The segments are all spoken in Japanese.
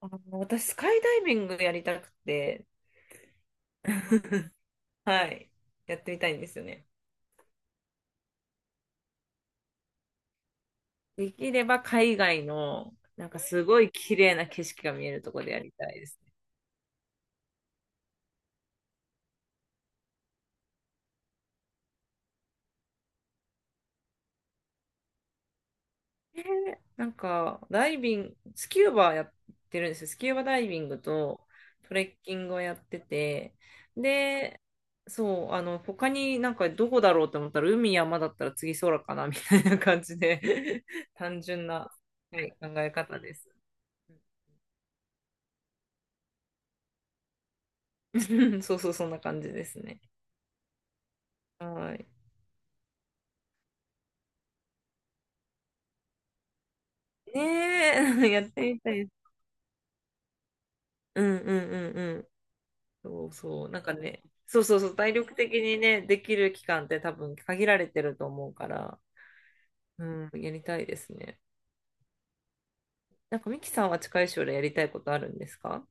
私、スカイダイビングやりたくて、はい、やってみたいんですよね。できれば海外の、なんかすごい綺麗な景色が見えるところでやりたいですね。なんか、ダイビング、スキューバやってるんですよ。スキューバダイビングとトレッキングをやってて、で、そう、他になんかどこだろうと思ったら、海、山だったら次空かな、みたいな感じで 単純な、はい、考え方です。そうそう、そんな感じですね。はい。ねえ、やってみたいです。うんうんうんうん。そうそう。なんかね、そうそうそう、体力的にね、できる期間って多分限られてると思うから、うん、やりたいですね。なんかミキさんは近い将来やりたいことあるんですか？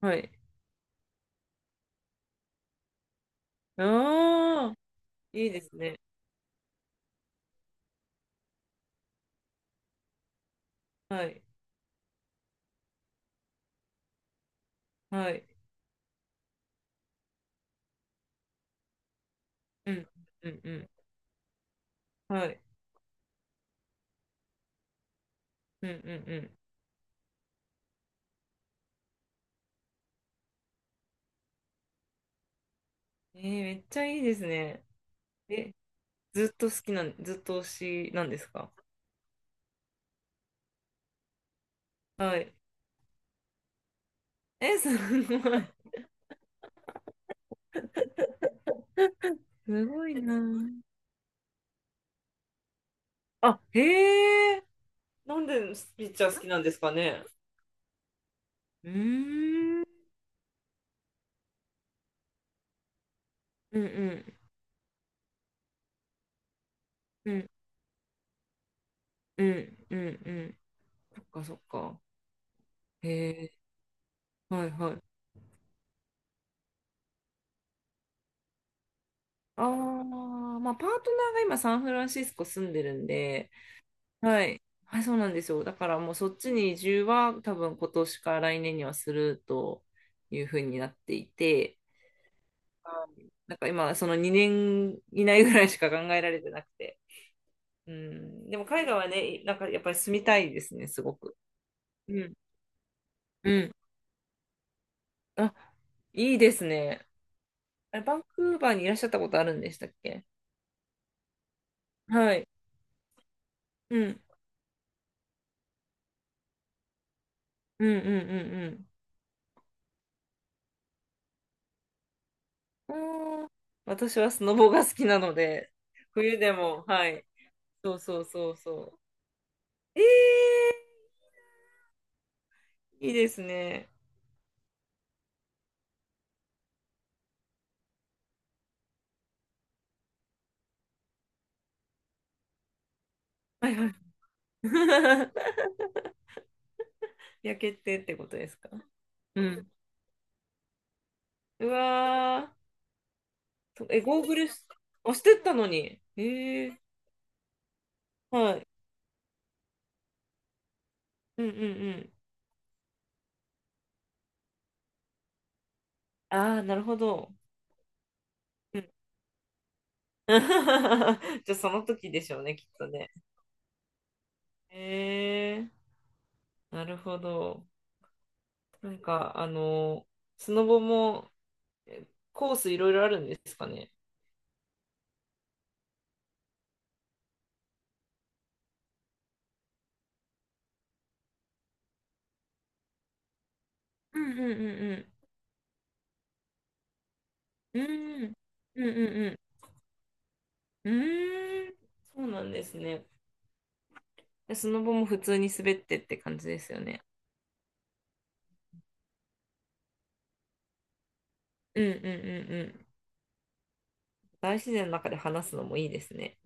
はい。ああ、いいですね。はい。はい。うん。うんうん。はい。うんうんうん。めっちゃいいですね。え、ずっと好きなん、ずっと推しなんですか？はい。え、すごい。すごいな。あ、へえ。なんでピッチャー好きなんですかね？うーん。うんうんうんうんうんうんそっかそっか。へえ。はいはい。ああ、まあパートナーが今サンフランシスコ住んでるんで、はい。はい、そうなんですよ。だからもうそっちに移住は多分今年か来年にはするというふうになっていて、はい、なんか今その2年以内ぐらいしか考えられてなくて。うん、でも海外はね、なんかやっぱり住みたいですね、すごく。うん。うん。あ、いいですね。あれ、バンクーバーにいらっしゃったことあるんでしたっけ？はい。うん。うんうんうんうん。うーん。私はスノボが好きなので、冬でも、はい。そうそうそうそう。いいですね。はいはい。焼けてってことですか？うん。うわー。え、ゴーグルし、あ、してったのに。ー、はい。うんうんうん。ああ、なるほど。うん じゃあその時でしょうね、きっとね。へえ、なるほど。なんか、スノボもえコースいろいろあるんですかね？うんうんうんうん。うんうんうんうん。うーん、そうなんですね。でスノボも普通に滑ってって感じですよね。うんうんうんうん。大自然の中で話すのもいいですね。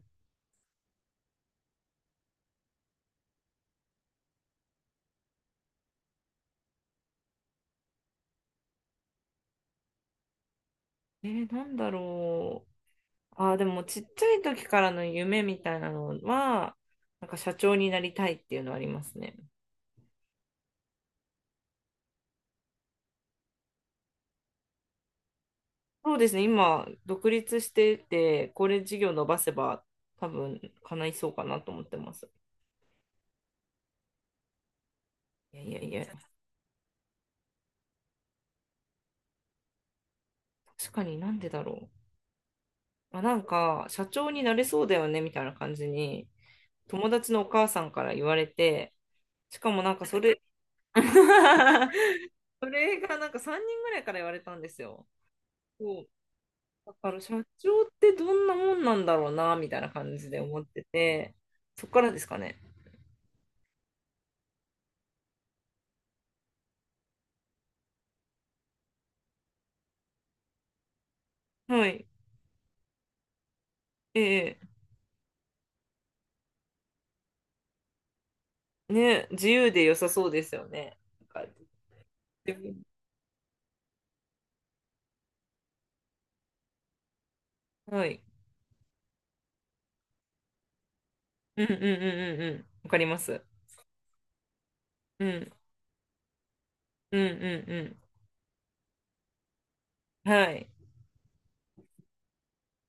なんだろう。ああ、でもちっちゃい時からの夢みたいなのは、なんか社長になりたいっていうのはありますね。そうですね、今、独立してて、これ事業伸ばせば、多分叶いそうかなと思ってます。いやいやいや、確かになんでだろう。まあ、なんか、社長になれそうだよねみたいな感じに、友達のお母さんから言われて、しかもなんかそれがなんか3人ぐらいから言われたんですよ。そう。だから社長ってどんなもんなんだろうな、みたいな感じで思ってて、そっからですかね。はい。ええ、ね、自由で良さそうですよね。なんか自分はい。うんうんうんうんうん。わかります。うん。うんうんうん。はい。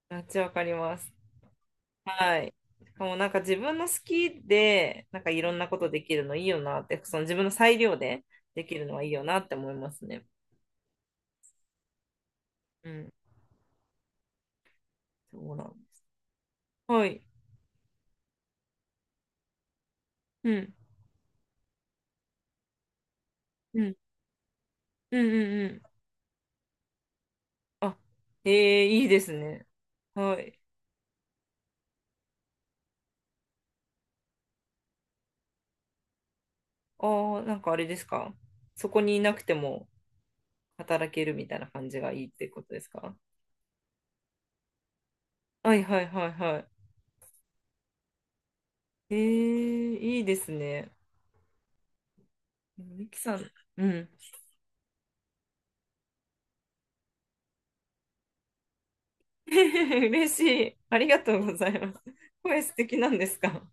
めっちゃわかります。はい。しかもなんか自分の好きで、なんかいろんなことできるのいいよなって、その自分の裁量でできるのはいいよなって思いますね。うん。そうなんです。はい。うん。うん。うんうんうん。あ、ええ、いいですね。はい。ああ、なんかあれですか。そこにいなくても働けるみたいな感じがいいってことですか？はいはいはいはい。ええ、いいですね。ミキさん、うん。嬉しい。ありがとうございます。声素敵なんですか？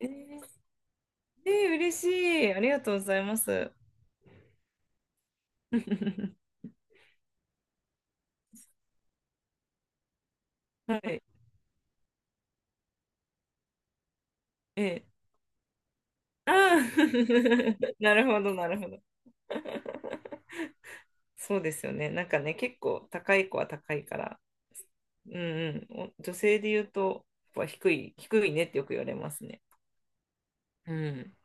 えー、嬉しい。ありがとうございます。はい。えああー なるほど、なるほど。そうですよね。なんかね、結構高い子は高いから、うんうん、お女性で言うと、やっぱ低い、低いねってよく言われますね。うん、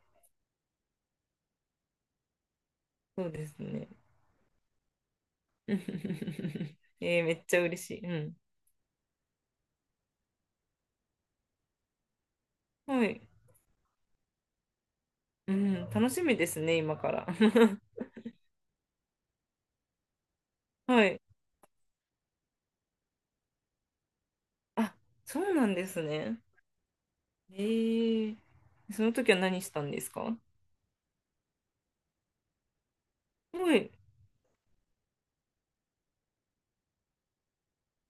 そうですね。めっちゃ嬉しい。うん、はい、うん、楽しみですね、今から。はい。あ、そうなんですね。えー、その時は何したんですか？はい、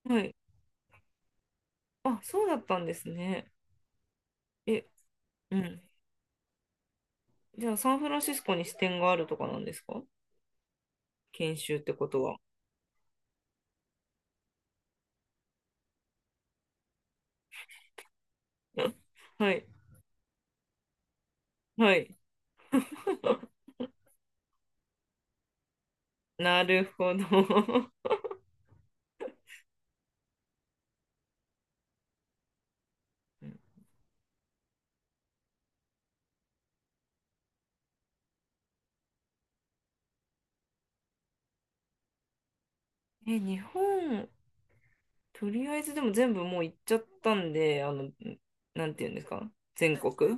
はい。あ、そうだったんですね。え、うん。じゃあ、サンフランシスコに支店があるとかなんですか？研修ってことは。はい、はい。なるほど。え、日本、とりあえずでも全部もう行っちゃったんで、なんていうんですか、全国。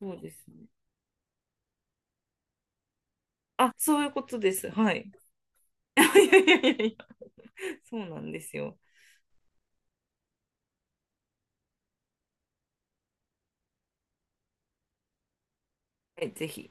そうですね。あ、そういうことです。はい。いやいやいやいや、そうなんですよ。はい、ぜひ。